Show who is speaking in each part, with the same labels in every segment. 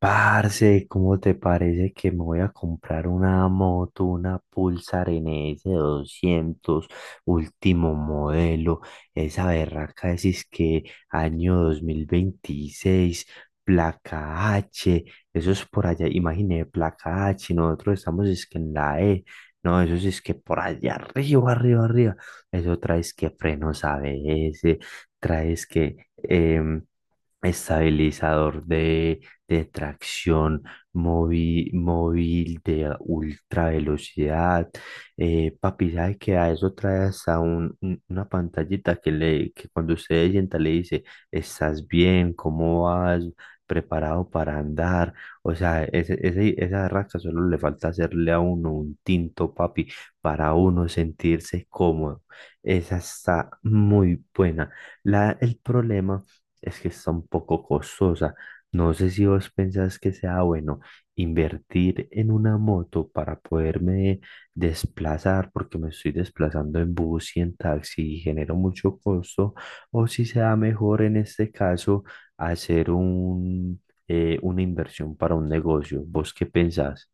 Speaker 1: Parce, ¿cómo te parece que me voy a comprar una moto, una Pulsar NS 200, último modelo? Esa berraca es que año 2026, placa H. Eso es por allá, imagine, placa H, nosotros estamos es que en la E. No, eso sí es que por allá arriba, arriba, arriba. Eso traes que frenos ABS, traes que estabilizador de tracción móvil, móvil de ultra velocidad. Papi, ¿sabe que a eso trae hasta una pantallita que, le, que cuando usted se sienta le dice, ¿estás bien? ¿Cómo vas? ¿Preparado para andar? O sea, esa raca solo le falta hacerle a uno un tinto, papi, para uno sentirse cómodo. Esa está muy buena. El problema es que está un poco costosa. No sé si vos pensás que sea bueno invertir en una moto para poderme desplazar, porque me estoy desplazando en bus y en taxi y genero mucho costo, o si sea mejor en este caso hacer una inversión para un negocio. ¿Vos qué pensás?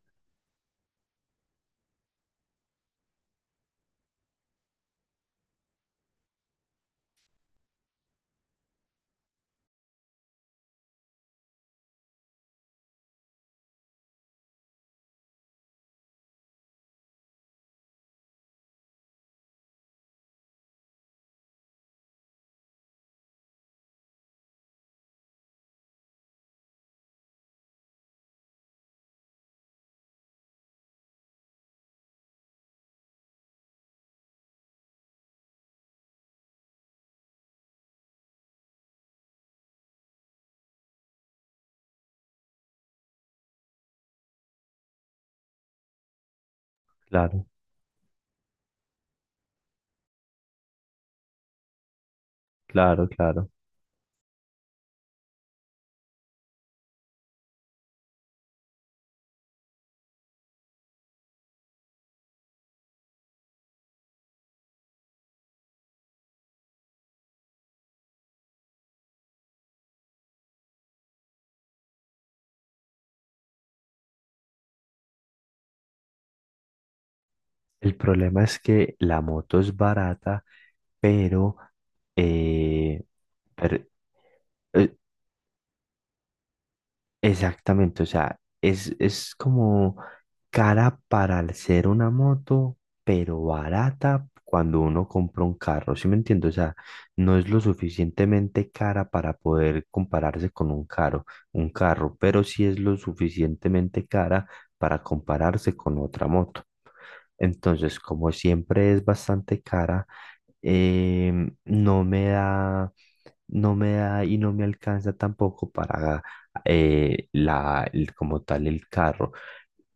Speaker 1: Claro, claro, claro. El problema es que la moto es barata, pero... eh, per- eh, Exactamente, o sea, es como cara para el ser una moto, pero barata cuando uno compra un carro, ¿sí me entiendo? O sea, no es lo suficientemente cara para poder compararse con un carro, pero sí es lo suficientemente cara para compararse con otra moto. Entonces, como siempre es bastante cara, em, no me da, no me da y no me alcanza tampoco para como tal el carro.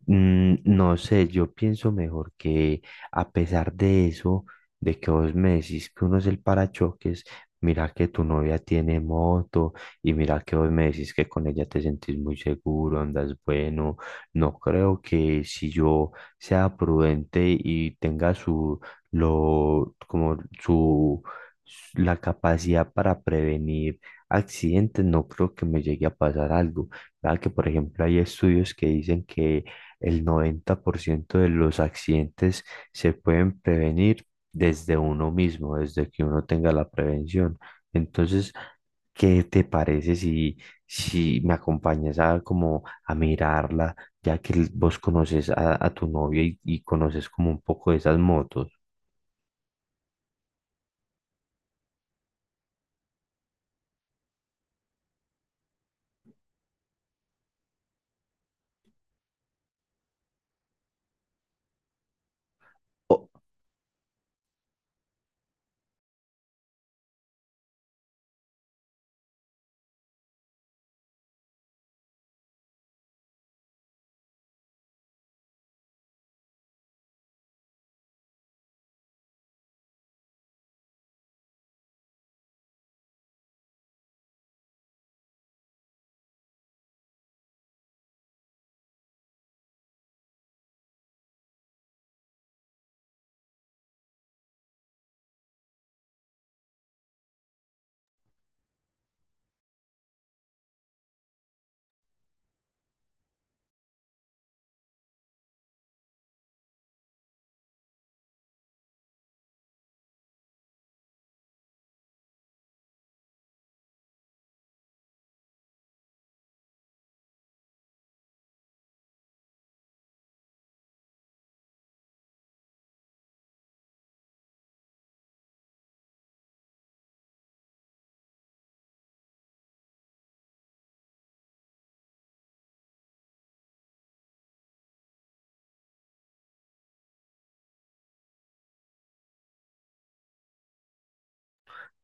Speaker 1: No sé, yo pienso mejor que a pesar de eso, de que vos me decís que uno es el parachoques, mira que tu novia tiene moto y mira que vos me decís que con ella te sentís muy seguro, andas bueno. No creo que si yo sea prudente y tenga su, lo, como su, s- la capacidad para prevenir accidentes. No creo que me llegue a pasar algo. Vea que, por ejemplo, hay estudios que dicen que el 90% de los accidentes se pueden prevenir desde uno mismo, desde que uno tenga la prevención. Entonces, ¿qué te parece si me acompañas a como a mirarla, ya que vos conoces a tu novia y conoces como un poco de esas motos? O-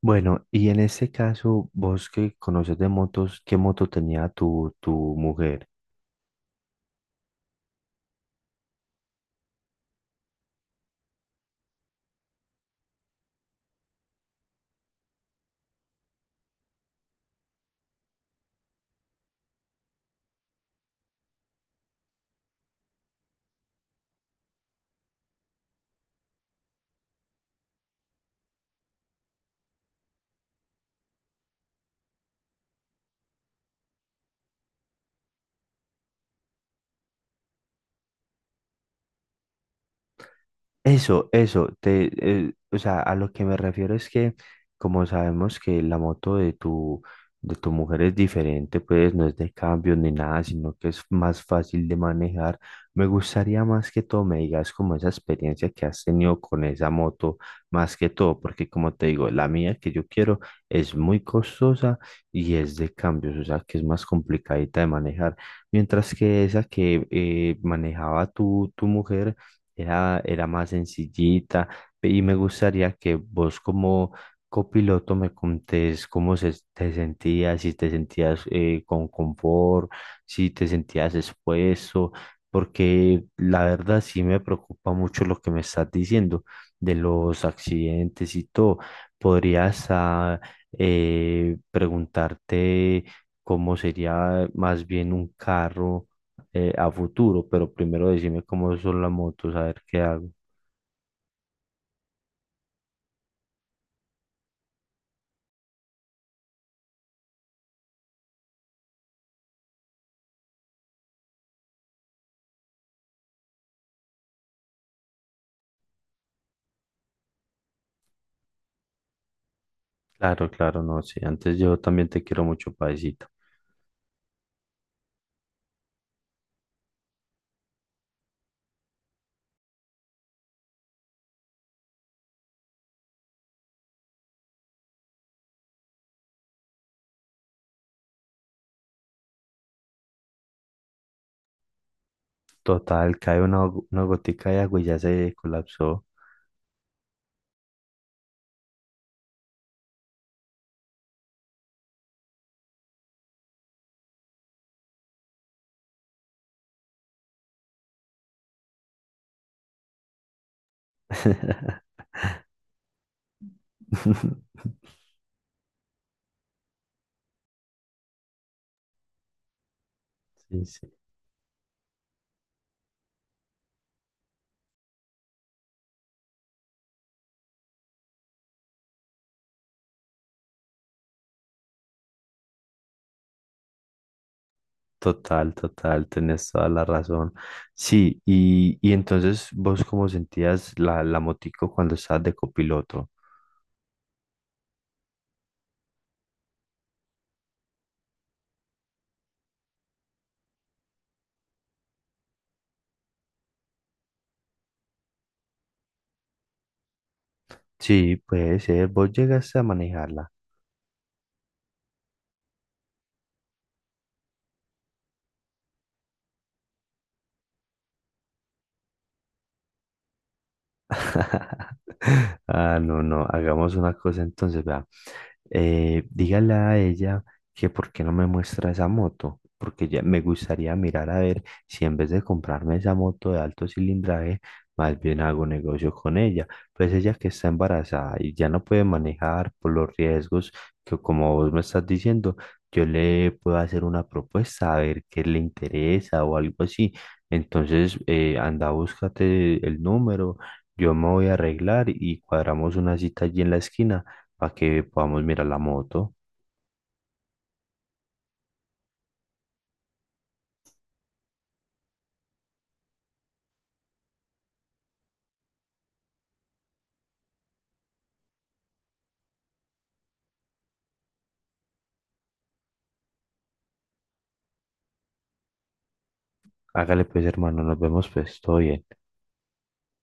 Speaker 1: bueno, y en este caso, vos que conoces de motos, ¿qué moto tenía tu mujer? Eso, eso, te, o sea, a lo que me refiero es que como sabemos que la moto de de tu mujer es diferente, pues no es de cambio ni nada, sino que es más fácil de manejar. Me gustaría más que todo me digas como esa experiencia que has tenido con esa moto, más que todo, porque como te digo, la mía que yo quiero es muy costosa y es de cambios, o sea, que es más complicadita de manejar, mientras que esa que manejaba tu mujer era más sencillita. Y me gustaría que vos como copiloto me contés cómo te sentías, si te sentías con confort, si te sentías expuesto, porque la verdad sí me preocupa mucho lo que me estás diciendo de los accidentes y todo. ¿Podrías ah, Preguntarte cómo sería más bien un carro, a futuro. Pero primero decime cómo son las motos, a ver qué hago. Claro, claro, no sé. Antes yo también te quiero mucho, paisito. Total, cae una gotica de agua y ya se colapsó. Sí, sí. Total, total, tenés toda la razón. Sí, y entonces vos cómo sentías la motico cuando estabas de copiloto. Sí, puede ser, vos llegaste a manejarla. Ah, no, no, hagamos una cosa entonces, vea. Dígale a ella que por qué no me muestra esa moto, porque ya me gustaría mirar a ver si en vez de comprarme esa moto de alto cilindraje, más bien hago negocio con ella. Pues ella que está embarazada y ya no puede manejar por los riesgos que como vos me estás diciendo, yo le puedo hacer una propuesta a ver qué le interesa o algo así. Entonces, anda, búscate el número, yo me voy a arreglar y cuadramos una cita allí en la esquina para que podamos mirar la moto. Hágale pues, hermano, nos vemos pues, todo bien.